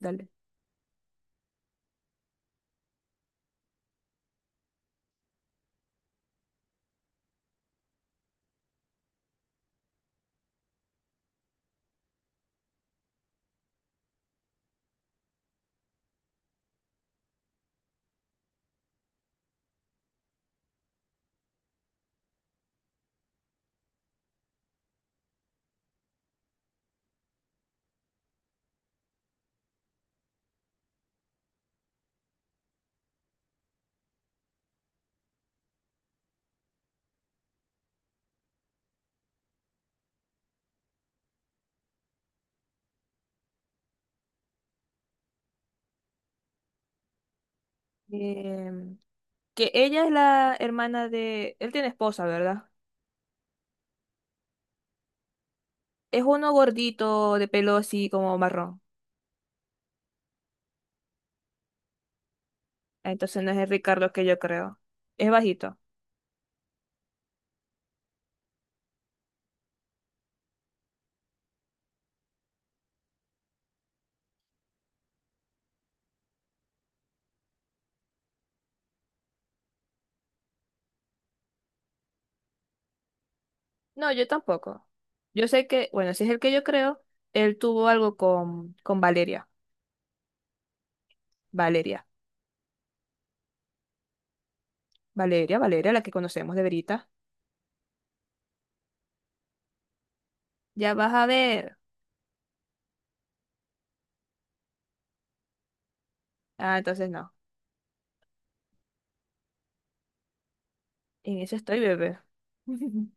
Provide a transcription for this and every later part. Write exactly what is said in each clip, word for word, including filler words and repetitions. Dale. Em, que ella es la hermana de... Él tiene esposa, ¿verdad? Es uno gordito, de pelo así como marrón. Entonces no es el Ricardo que yo creo. Es bajito. No, yo tampoco. Yo sé que, bueno, si es el que yo creo, él tuvo algo con, con Valeria. Valeria. Valeria, Valeria, la que conocemos de Verita. Ya vas a ver. Ah, entonces no. En eso estoy, bebé. Ujú,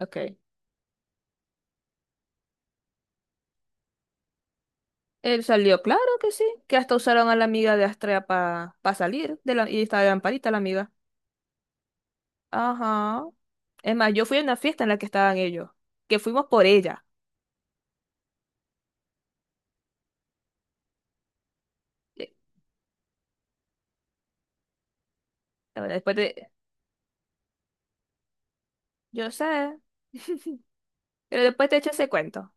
ok. Él salió, claro que sí, que hasta usaron a la amiga de Astrea para salir de la, y estaba de lamparita la amiga. Ajá. Es más, yo fui a una fiesta en la que estaban ellos, que fuimos por ella. Eh, bueno, después de, yo sé, pero después te echo ese cuento.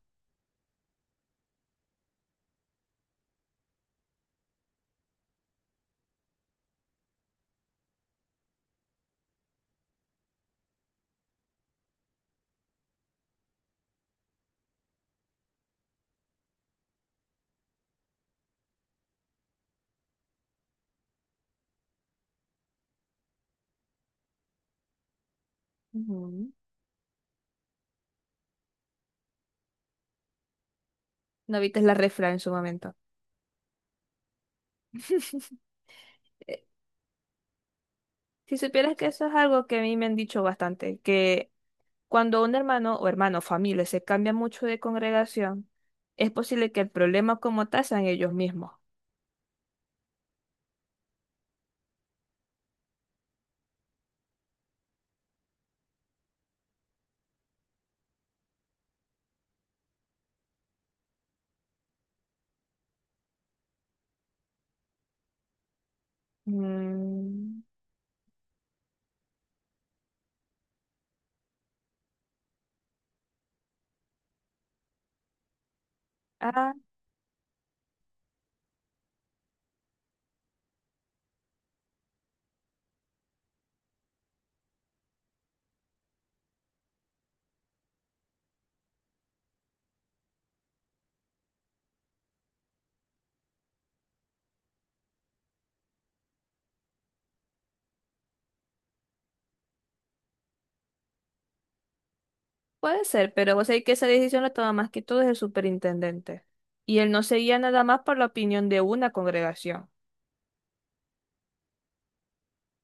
Ujú. No viste la refra en su momento. Eh, Si supieras que eso es algo que a mí me han dicho bastante, que cuando un hermano o hermano, familia, se cambia mucho de congregación, es posible que el problema como tal sean ellos mismos. Mm, ah, puede ser, pero vos sabés que esa decisión la toma más que todo es el superintendente. Y él no se guía nada más por la opinión de una congregación.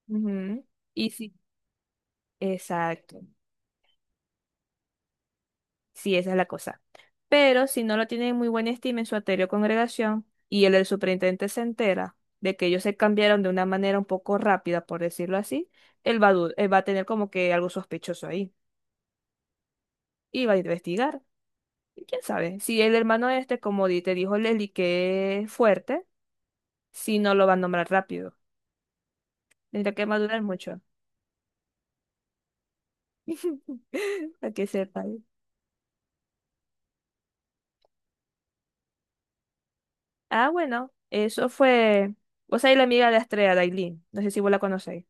Ujú. Y sí, exacto. Sí, esa es la cosa. Pero si no lo tienen en muy buena estima en su anterior congregación y él, el superintendente, se entera de que ellos se cambiaron de una manera un poco rápida, por decirlo así, él va a, du- él va a tener como que algo sospechoso ahí y va a investigar. Y ¿quién sabe? Si el hermano este, como di- te dijo Leli, que es fuerte, si no lo va a nombrar rápido. Tendrá que madurar mucho. Para que sepa. Ah, bueno, eso fue. Vos sabés la amiga de Estrella, Dailin. No sé si vos la conocéis.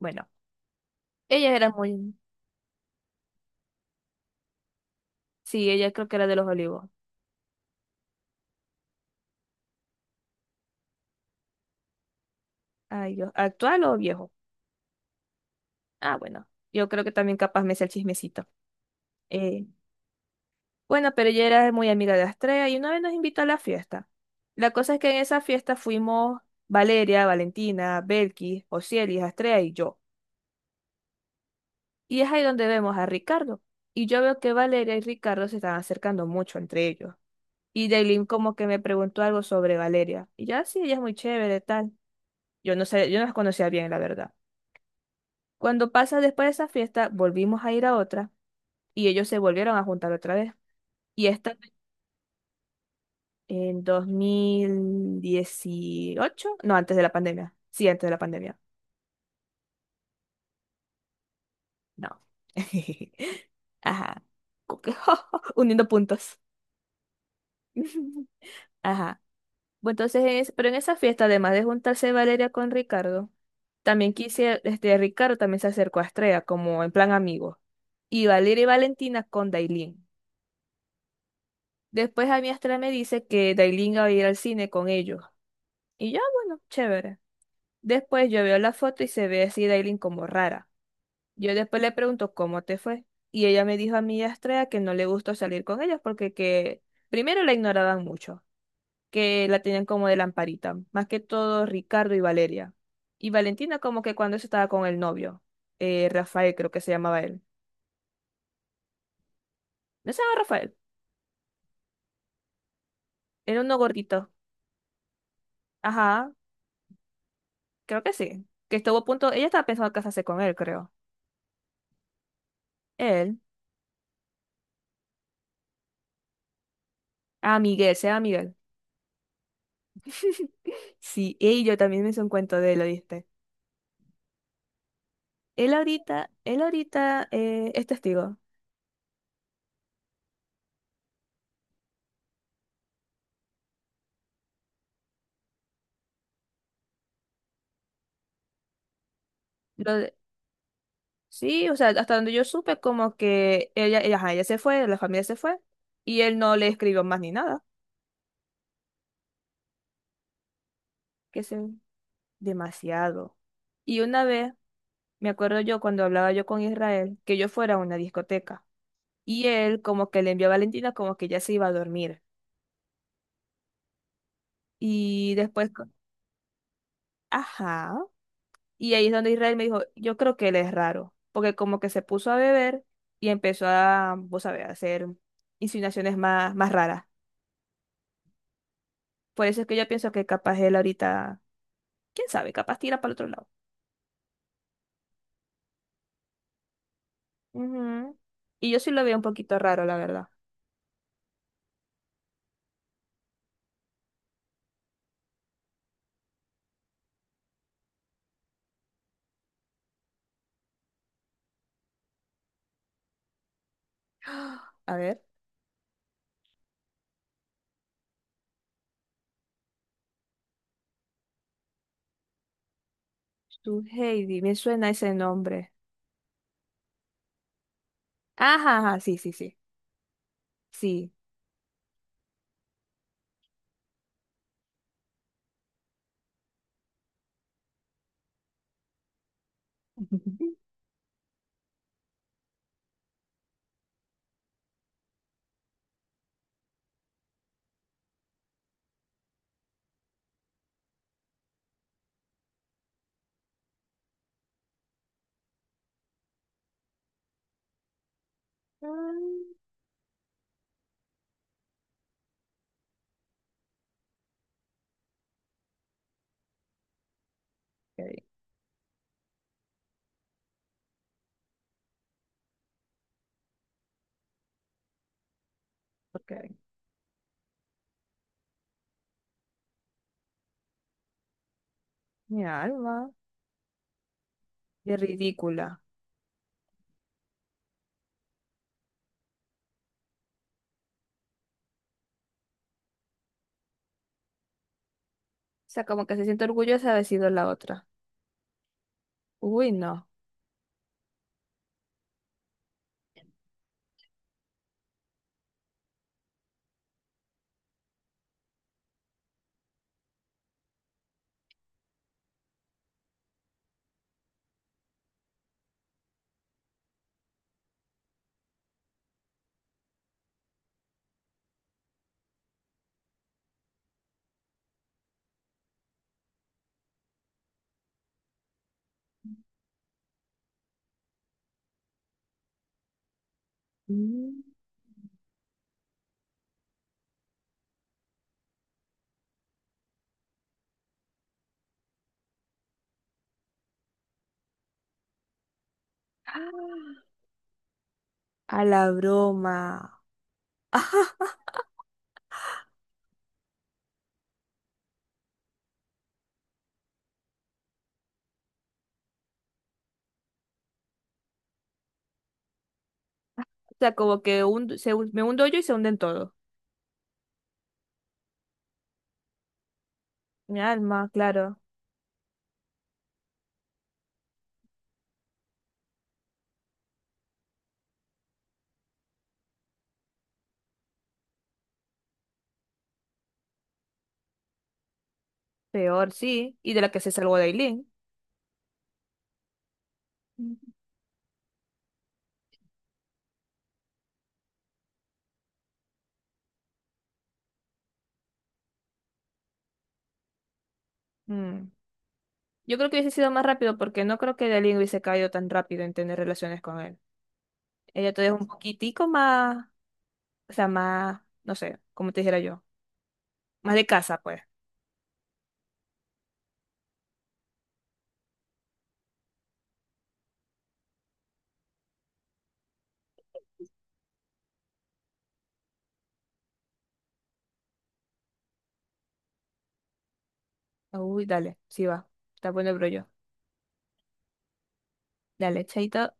Bueno, ella era muy. Sí, ella creo que era de los Olivos. Ay, Dios. ¿Actual o viejo? Ah, bueno. Yo creo que también capaz me sé el chismecito. Eh, Bueno, pero ella era muy amiga de Astrea y una vez nos invitó a la fiesta. La cosa es que en esa fiesta fuimos Valeria, Valentina, Belkis, Osiris, Astrea y yo. Y es ahí donde vemos a Ricardo. Y yo veo que Valeria y Ricardo se están acercando mucho entre ellos. Y Daylin como que me preguntó algo sobre Valeria. Y ya sí, ella es muy chévere, tal. Yo no sé, yo no las conocía bien, la verdad. Cuando pasa después de esa fiesta, volvimos a ir a otra y ellos se volvieron a juntar otra vez. Y esta en dos mil dieciocho, no, antes de la pandemia. Sí, antes de la pandemia. No. Ajá. Como que, uniendo puntos. Ajá. Bueno, entonces, en es- pero en esa fiesta, además de juntarse Valeria con Ricardo, también quise, este, Ricardo también se acercó a Estrella, como en plan amigo. Y Valeria y Valentina con Dailin. Después a mí Estrella me dice que Dailin va a ir al cine con ellos. Y ya, bueno, chévere. Después yo veo la foto y se ve así Dailin como rara. Yo después le pregunto cómo te fue. Y ella me dijo a mi Astrea que no le gustó salir con ellos porque que primero la ignoraban mucho, que la tenían como de lamparita, más que todo Ricardo y Valeria. Y Valentina como que cuando eso estaba con el novio, eh, Rafael creo que se llamaba él. ¿No se llama Rafael? Era uno gordito. Ajá, creo que sí. Que estuvo a punto, ella estaba pensando casarse con él, creo. Él. Ah, Miguel, se llama Miguel. Sí, y yo también me hice un cuento de él, ¿lo viste? Él ahorita, él ahorita eh, es testigo. Lo de- sí, o sea, hasta donde yo supe, como que ella, ella, ajá, ella se fue, la familia se fue, y él no le escribió más ni nada, que es demasiado. Y una vez, me acuerdo yo cuando hablaba yo con Israel, que yo fuera a una discoteca, y él como que le envió a Valentina como que ya se iba a dormir. Y después, co- ajá. Y ahí es donde Israel me dijo, yo creo que él es raro, porque como que se puso a beber y empezó a, vos sabés, a hacer insinuaciones más, más raras. Por eso es que yo pienso que capaz él ahorita, quién sabe, capaz tira para el otro lado. Ujú. Y yo sí lo veo un poquito raro, la verdad. A ver, su Heidi, me suena ese nombre. Ajá, ajá, sí, sí, sí, sí. Mm, Ok, ok. Mi alma, qué ridícula. O sea, como que se siente orgullosa de haber sido la otra. Uy, no. Mm. ¡Ah! A la broma. O sea, como que hund- se hun- me hundo yo y se hunden todos. Mi alma, claro. Peor, sí. Y de la que se salvó Dailin. Mm. Yo creo que hubiese sido más rápido porque no creo que Dailin hubiese caído tan rápido en tener relaciones con él. Ella todavía es un poquitico más, o sea, más, no sé, como te dijera yo. Más de casa, pues. Uy, dale, sí va. Está bueno el brollo. Dale, chaito.